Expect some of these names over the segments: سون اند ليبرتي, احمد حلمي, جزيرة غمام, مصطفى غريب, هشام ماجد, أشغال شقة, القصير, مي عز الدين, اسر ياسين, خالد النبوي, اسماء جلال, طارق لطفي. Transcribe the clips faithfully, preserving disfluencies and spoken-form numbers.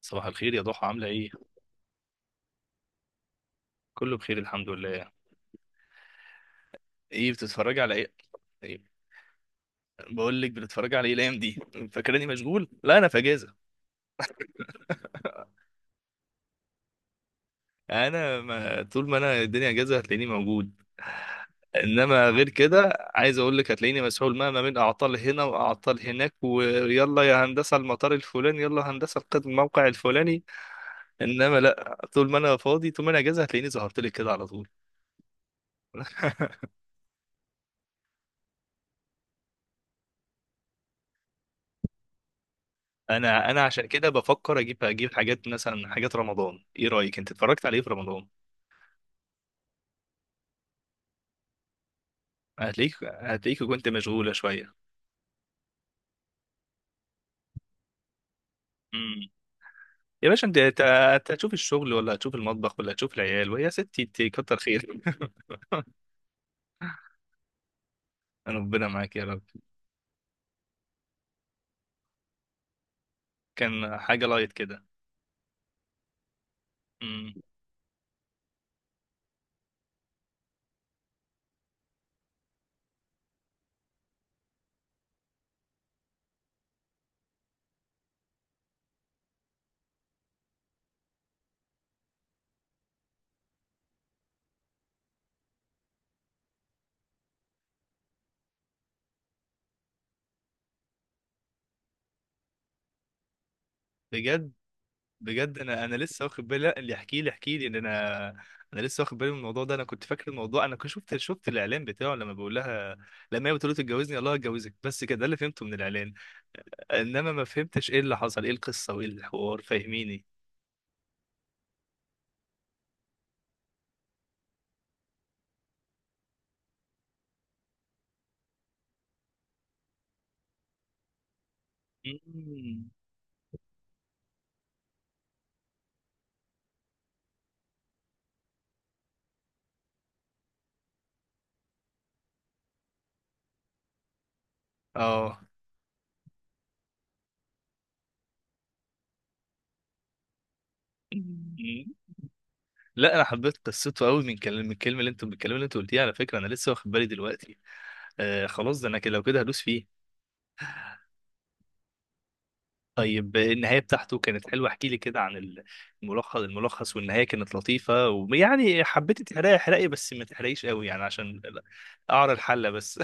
صباح الخير يا ضحى، عاملة ايه؟ كله بخير الحمد لله. ايه بتتفرجي على ايه؟ ايه بقول لك، بتتفرجي على ايه الايام دي؟ فاكراني مشغول؟ لا، انا في اجازة. انا ما طول ما انا الدنيا اجازة هتلاقيني موجود. انما غير كده عايز اقول لك هتلاقيني مسحول ما ما بين اعطال هنا واعطال هناك، ويلا يا هندسة المطار الفلاني، يلا هندسة القط- الموقع الفلاني. انما لا، طول ما انا فاضي طول ما انا اجازة هتلاقيني ظهرت لك كده على طول. انا انا عشان كده بفكر اجيب اجيب حاجات، مثلا حاجات رمضان. ايه رايك، انت اتفرجت على ايه في رمضان؟ هتلاقيك هتلاقيك كنت مشغوله شويه. امم يا باشا، انت أنت- أنت هتشوف الشغل ولا هتشوف المطبخ ولا هتشوف العيال، ويا ستي انت كتر خير. ربنا معاك يا رب. كان حاجه لايت كده. امم بجد. بجد انا انا لسه واخد بالي. لا، اللي يحكي لي يحكي لي ان انا، انا لسه واخد بالي من الموضوع ده. انا كنت فاكر الموضوع، انا كنت شفت شفت الاعلان بتاعه، لما بيقول لها، لما هي بتقول له تتجوزني، الله هتجوزك، بس كده، ده اللي فهمته من الاعلان. انما ما فهمتش ايه اللي حصل، ايه القصه وايه الحوار، فاهميني. مم. اه. مم. لا، انا حبيت قصته قوي، من كلمه من الكلمه اللي انتوا من الكلام اللي انتوا قلتيه. على فكره انا لسه واخد بالي دلوقتي. آه خلاص، ده انا كده، لو كده هدوس فيه. طيب، النهايه بتاعته كانت حلوه، احكي لي كده عن الملخص الملخص، والنهايه كانت لطيفه. ويعني حبيت تحرقي حرقي، بس ما تحرقيش قوي، يعني عشان اعرى الحله بس.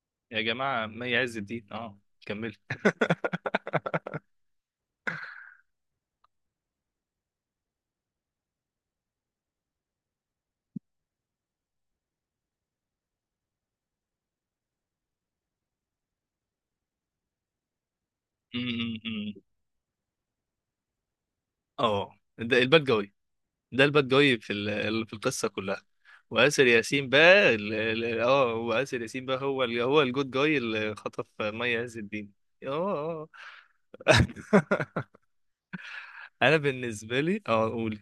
يا جماعه، ما يعز الدين اه، كمل. اه، ده الباد جوي. ده الباد جاي في ال- ال- في القصه كلها. واسر ياسين بقى، ال- ال- اه هو اسر ياسين بقى هو ال- هو الجود جاي اللي خطف مي عز الدين. اه. آه. انا بالنسبه لي، اه، قولي.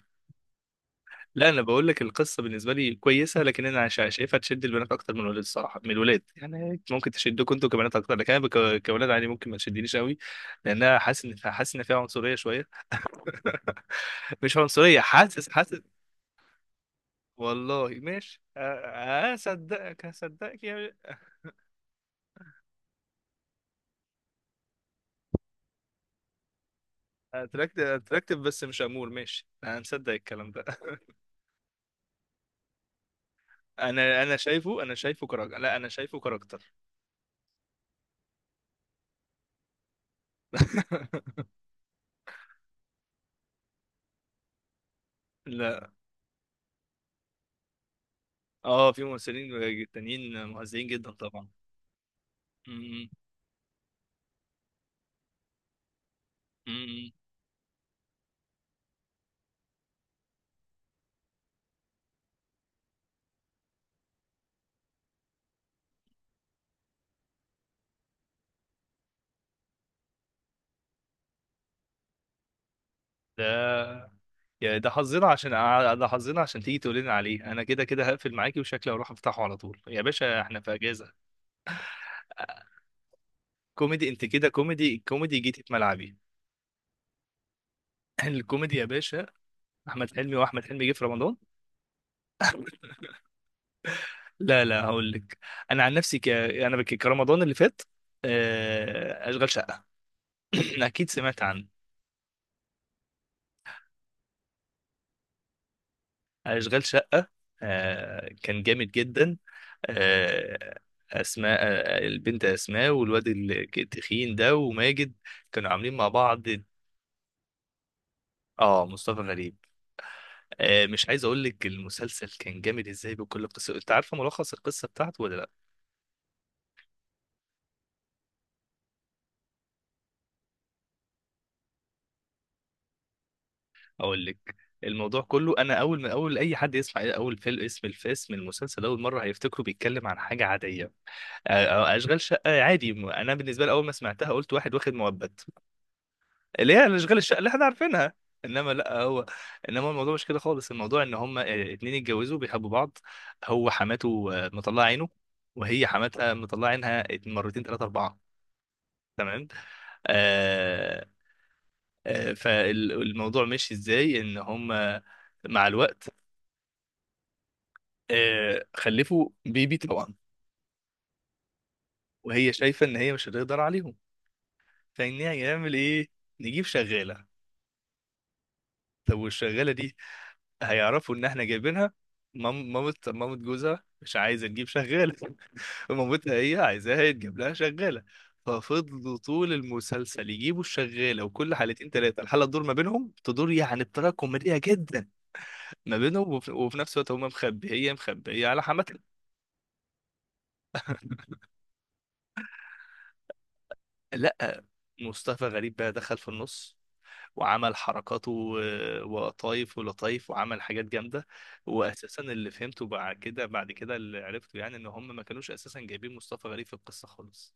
لا، انا بقول لك القصه بالنسبه لي كويسه، لكن انا شا- شايفها تشد البنات اكتر من الولاد، الصراحه من الولاد. يعني ممكن تشدكم انتوا كبنات اكتر، لكن انا بك- كولاد عادي ممكن ما تشدنيش قوي. لانها حاسس ان حاسس ان فيها عنصريه شويه. مش عنصريه، حاسس حاسس. والله ماشي أ- هصدقك هصدقك يا، اتراكتف اتراكتف، بس مش امور، ماشي انا مصدق الكلام ده. انا انا شايفه انا شايفه كراجل، لا انا شايفه كاركتر. لا. اه، في ممثلين تانيين مؤذيين جدا طبعا. م- م- ده يا ده حظنا عشان ده حظنا عشان تيجي تقول لنا عليه. انا كده كده هقفل معاكي، وشكلي هروح افتحه على طول، يا باشا احنا في اجازه. كوميدي. انت كده كوميدي كوميدي جيتي في ملعبي. الكوميدي يا باشا. احمد حلمي واحمد حلمي جه في رمضان. لا لا، هقول لك، انا عن نفسي ك... انا بك... كرمضان اللي فات. آه، اشغال شقه. اكيد سمعت عن اشغال شقه. آه، كان جامد جدا. آه، اسماء، آه، البنت اسماء، والواد ال- التخين ده، وماجد، كانوا عاملين مع بعض. اه، مصطفى غريب. آه، مش عايز اقول لك المسلسل كان جامد ازاي بكل قصه. انت عارفه ملخص القصه بتاعته ولا لا؟ اقول لك. الموضوع كله، انا اول ما اول اي حد يسمع اول فيلم، اسم الفيلم، المسلسل، اول مره هيفتكره بيتكلم عن حاجه عاديه. أ- أ- اشغال شقه عادي، م- انا بالنسبه لي اول ما سمعتها قلت واحد واخد مؤبت، اللي هي اشغال الشقه اللي احنا عارفينها. انما لا، هو، انما الموضوع مش كده خالص. الموضوع ان هما اتنين اتجوزوا بيحبوا بعض، هو حماته آه، مطلعه عينه، وهي حماتها مطلعه عينها، مرتين ثلاثه اربعه. تمام. آه آه فالموضوع ماشي ازاي، ان هما، مع الوقت، آه خلفوا بيبي طبعا، وهي شايفه ان هي مش هتقدر عليهم، فان هيعمل ايه؟ نجيب شغاله. طب والشغاله دي، هيعرفوا ان احنا جايبينها. مام- مامة مامة جوزها مش عايزه تجيب شغاله، مامتها هي عايزاها يتجاب لها شغاله. ففضلوا طول المسلسل يجيبوا الشغاله، وكل حلقتين ثلاثه الحلقه تدور ما بينهم، تدور يعني بطريقه كوميديه جدا ما بينهم، وفي, وفي نفس الوقت هم مخبيه مخبيه على حماتها. لا، مصطفى غريب بقى دخل في النص وعمل حركاته، و- ولطايف ولطايف، وعمل حاجات جامده. واساسا اللي فهمته بعد كده بعد كده، اللي عرفته يعني، ان هم ما كانوش اساسا جايبين مصطفى غريب في القصه خالص.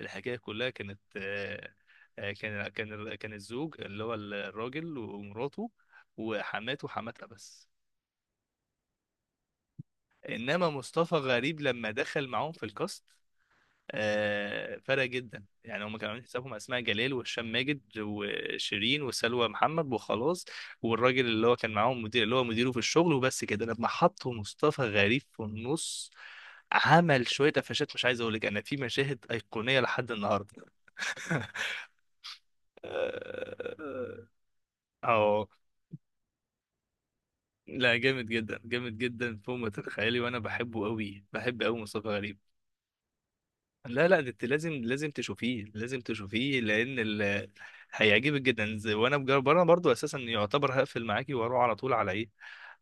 الحكايه كلها كانت، آه، آه، كان كان ال- كان الزوج، اللي هو ال- الراجل ومراته، وحماته حماتها بس. انما مصطفى غريب لما دخل معاهم في الكاست، آه، فرق جدا. يعني هم كانوا عاملين حسابهم اسماء جلال، وهشام ماجد، وشيرين، وسلوى محمد، وخلاص، والراجل اللي هو كان معاهم، مدير اللي هو مديره في الشغل، وبس كده. لما حطوا مصطفى غريب في النص، عمل شويه قفشات، مش عايز اقول لك، انا في مشاهد ايقونيه لحد النهارده. اه. آه، آه، لا جامد جدا جامد جدا، فوق ما تتخيلي، وانا بحبه قوي، بحب قوي مصطفى غريب. لا لا، ده انت لازم لازم تشوفيه لازم تشوفيه لان ال... هيعجبك جدا. زي- وانا بجرب انا برضو اساسا، يعتبر هقفل معاكي واروح على طول على ايه.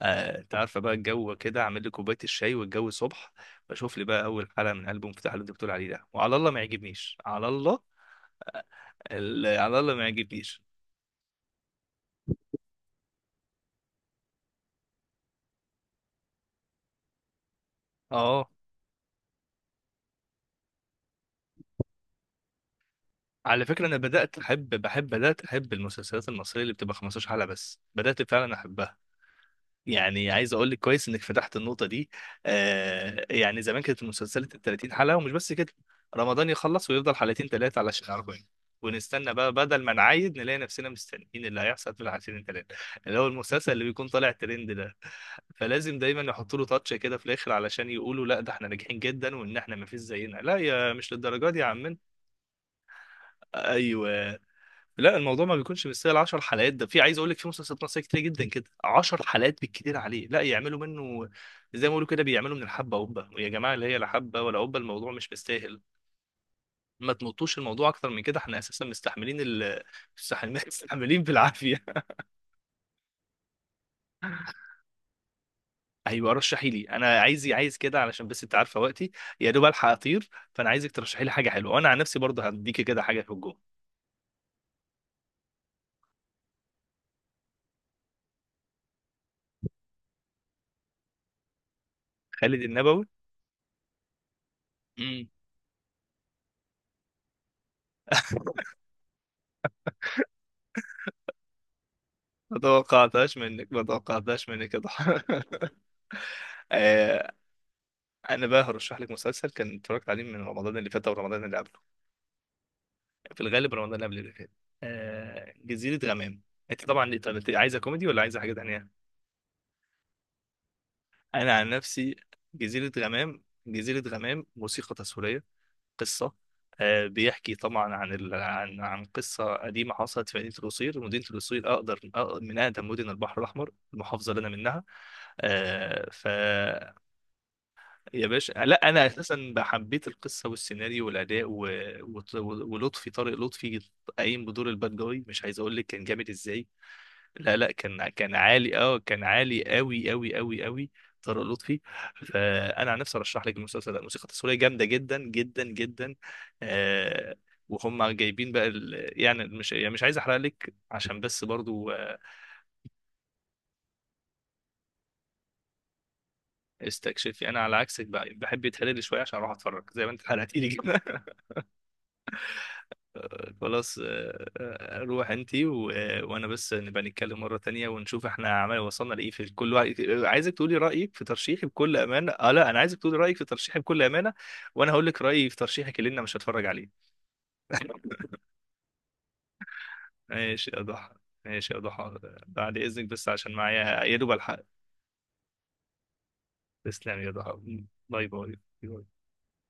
آه، انت عارفه بقى الجو كده، اعمل لي كوبايه الشاي والجو الصبح، بشوف لي بقى اول حلقه من البوم مفتاح اللي انت بتقول عليه ده، وعلى الله ما يعجبنيش، على الله، ال- على الله ما يعجبنيش. اه، على فكره انا بدات احب بحب بدات احب المسلسلات المصريه اللي بتبقى 15 حلقه بس، بدات فعلا احبها. يعني عايز اقول لك كويس انك فتحت النقطه دي. آه يعني زمان كانت المسلسلات ال 30 حلقه، ومش بس كده، رمضان يخلص ويفضل حلقتين ثلاثه علشان أربعين، ونستنى بقى، بدل ما نعايد نلاقي نفسنا مستنيين اللي هيحصل في العشرين ثلاثه، اللي هو المسلسل اللي بيكون طالع ترند ده. فلازم دايما يحطوا له تاتش كده في الاخر، علشان يقولوا لا، ده احنا ناجحين جدا وان احنا ما فيش زينا. لا يا، مش للدرجه دي يا عمنا. ايوه. لا، الموضوع ما بيكونش مستاهل 10 حلقات. ده في، عايز اقول لك، في مسلسلات مصريه كتير جدا كده 10 حلقات بالكتير عليه، لا يعملوا منه، زي ما بيقولوا كده، بيعملوا من الحبه قبه، يا جماعه اللي هي لا حبه ولا قبه، الموضوع مش مستاهل. ما تمطوش الموضوع اكتر من كده، احنا اساسا مستحملين ال... مستحملين، مستحملين بالعافيه. ايوه، رشحي لي، انا عايز عايز كده علشان بس انت عارفه وقتي، يا دوب الحق اطير، فانا عايزك ترشحي لي حاجه حلوه، وانا عن نفسي برضه هديكي كده حاجه في الجون. خالد النبوي. امم ما توقعتهاش منك، ما توقعتهاش منك يا ضحى. انا بقى هرشح لك مسلسل كان اتفرجت عليه من رمضان اللي فات، او رمضان اللي قبله، في الغالب رمضان اللي قبل اللي فات. آه جزيرة غمام. انت طبعا طب انت عايزه كوميدي ولا عايزه حاجه تانية؟ انا عن نفسي، جزيرة غمام جزيرة غمام، موسيقى تصويرية، قصة. آه بيحكي طبعا، عن ال... عن عن قصة قديمة حصلت في مدينة القصير. مدينة القصير أقدر أقدر- من أقدم مدن البحر الأحمر، المحافظة اللي أنا منها. آه، ف يا باشا، لا انا اساسا حبيت القصه والسيناريو والاداء، و... و... ولطفي طارق لطفي، قايم بدور الباد جاي، مش عايز اقول لك كان جامد ازاي. لا لا، كان كان عالي، اه كان عالي قوي قوي قوي قوي. طارق لطفي. فانا عن نفسي ارشح لك المسلسل ده، الموسيقى التصويريه جامده جدا جدا جدا. آه وهم جايبين بقى ال... يعني، مش يعني مش عايز احرق لك، عشان بس برضو آه، استكشفي. انا على عكسك بقى، بحب يتحرق لي شويه عشان اروح اتفرج، زي ما انت حرقتي لي كده. خلاص. آه، آه، روح انتي و... آه، وانا بس، نبقى نتكلم مرة تانية ونشوف احنا عمال وصلنا لايه في كل واحد. عايزك تقولي رأيك في ترشيحي بكل أمانة. اه لا، انا عايزك تقولي رأيك في ترشيحي بكل أمانة، وانا هقول لك رأيي في ترشيحك اللي انا مش هتفرج عليه. ماشي يا ضحى، ماشي يا ضحى. بعد إذنك بس عشان معايا يا دوب الحق. تسلم يا ضحى، باي باي.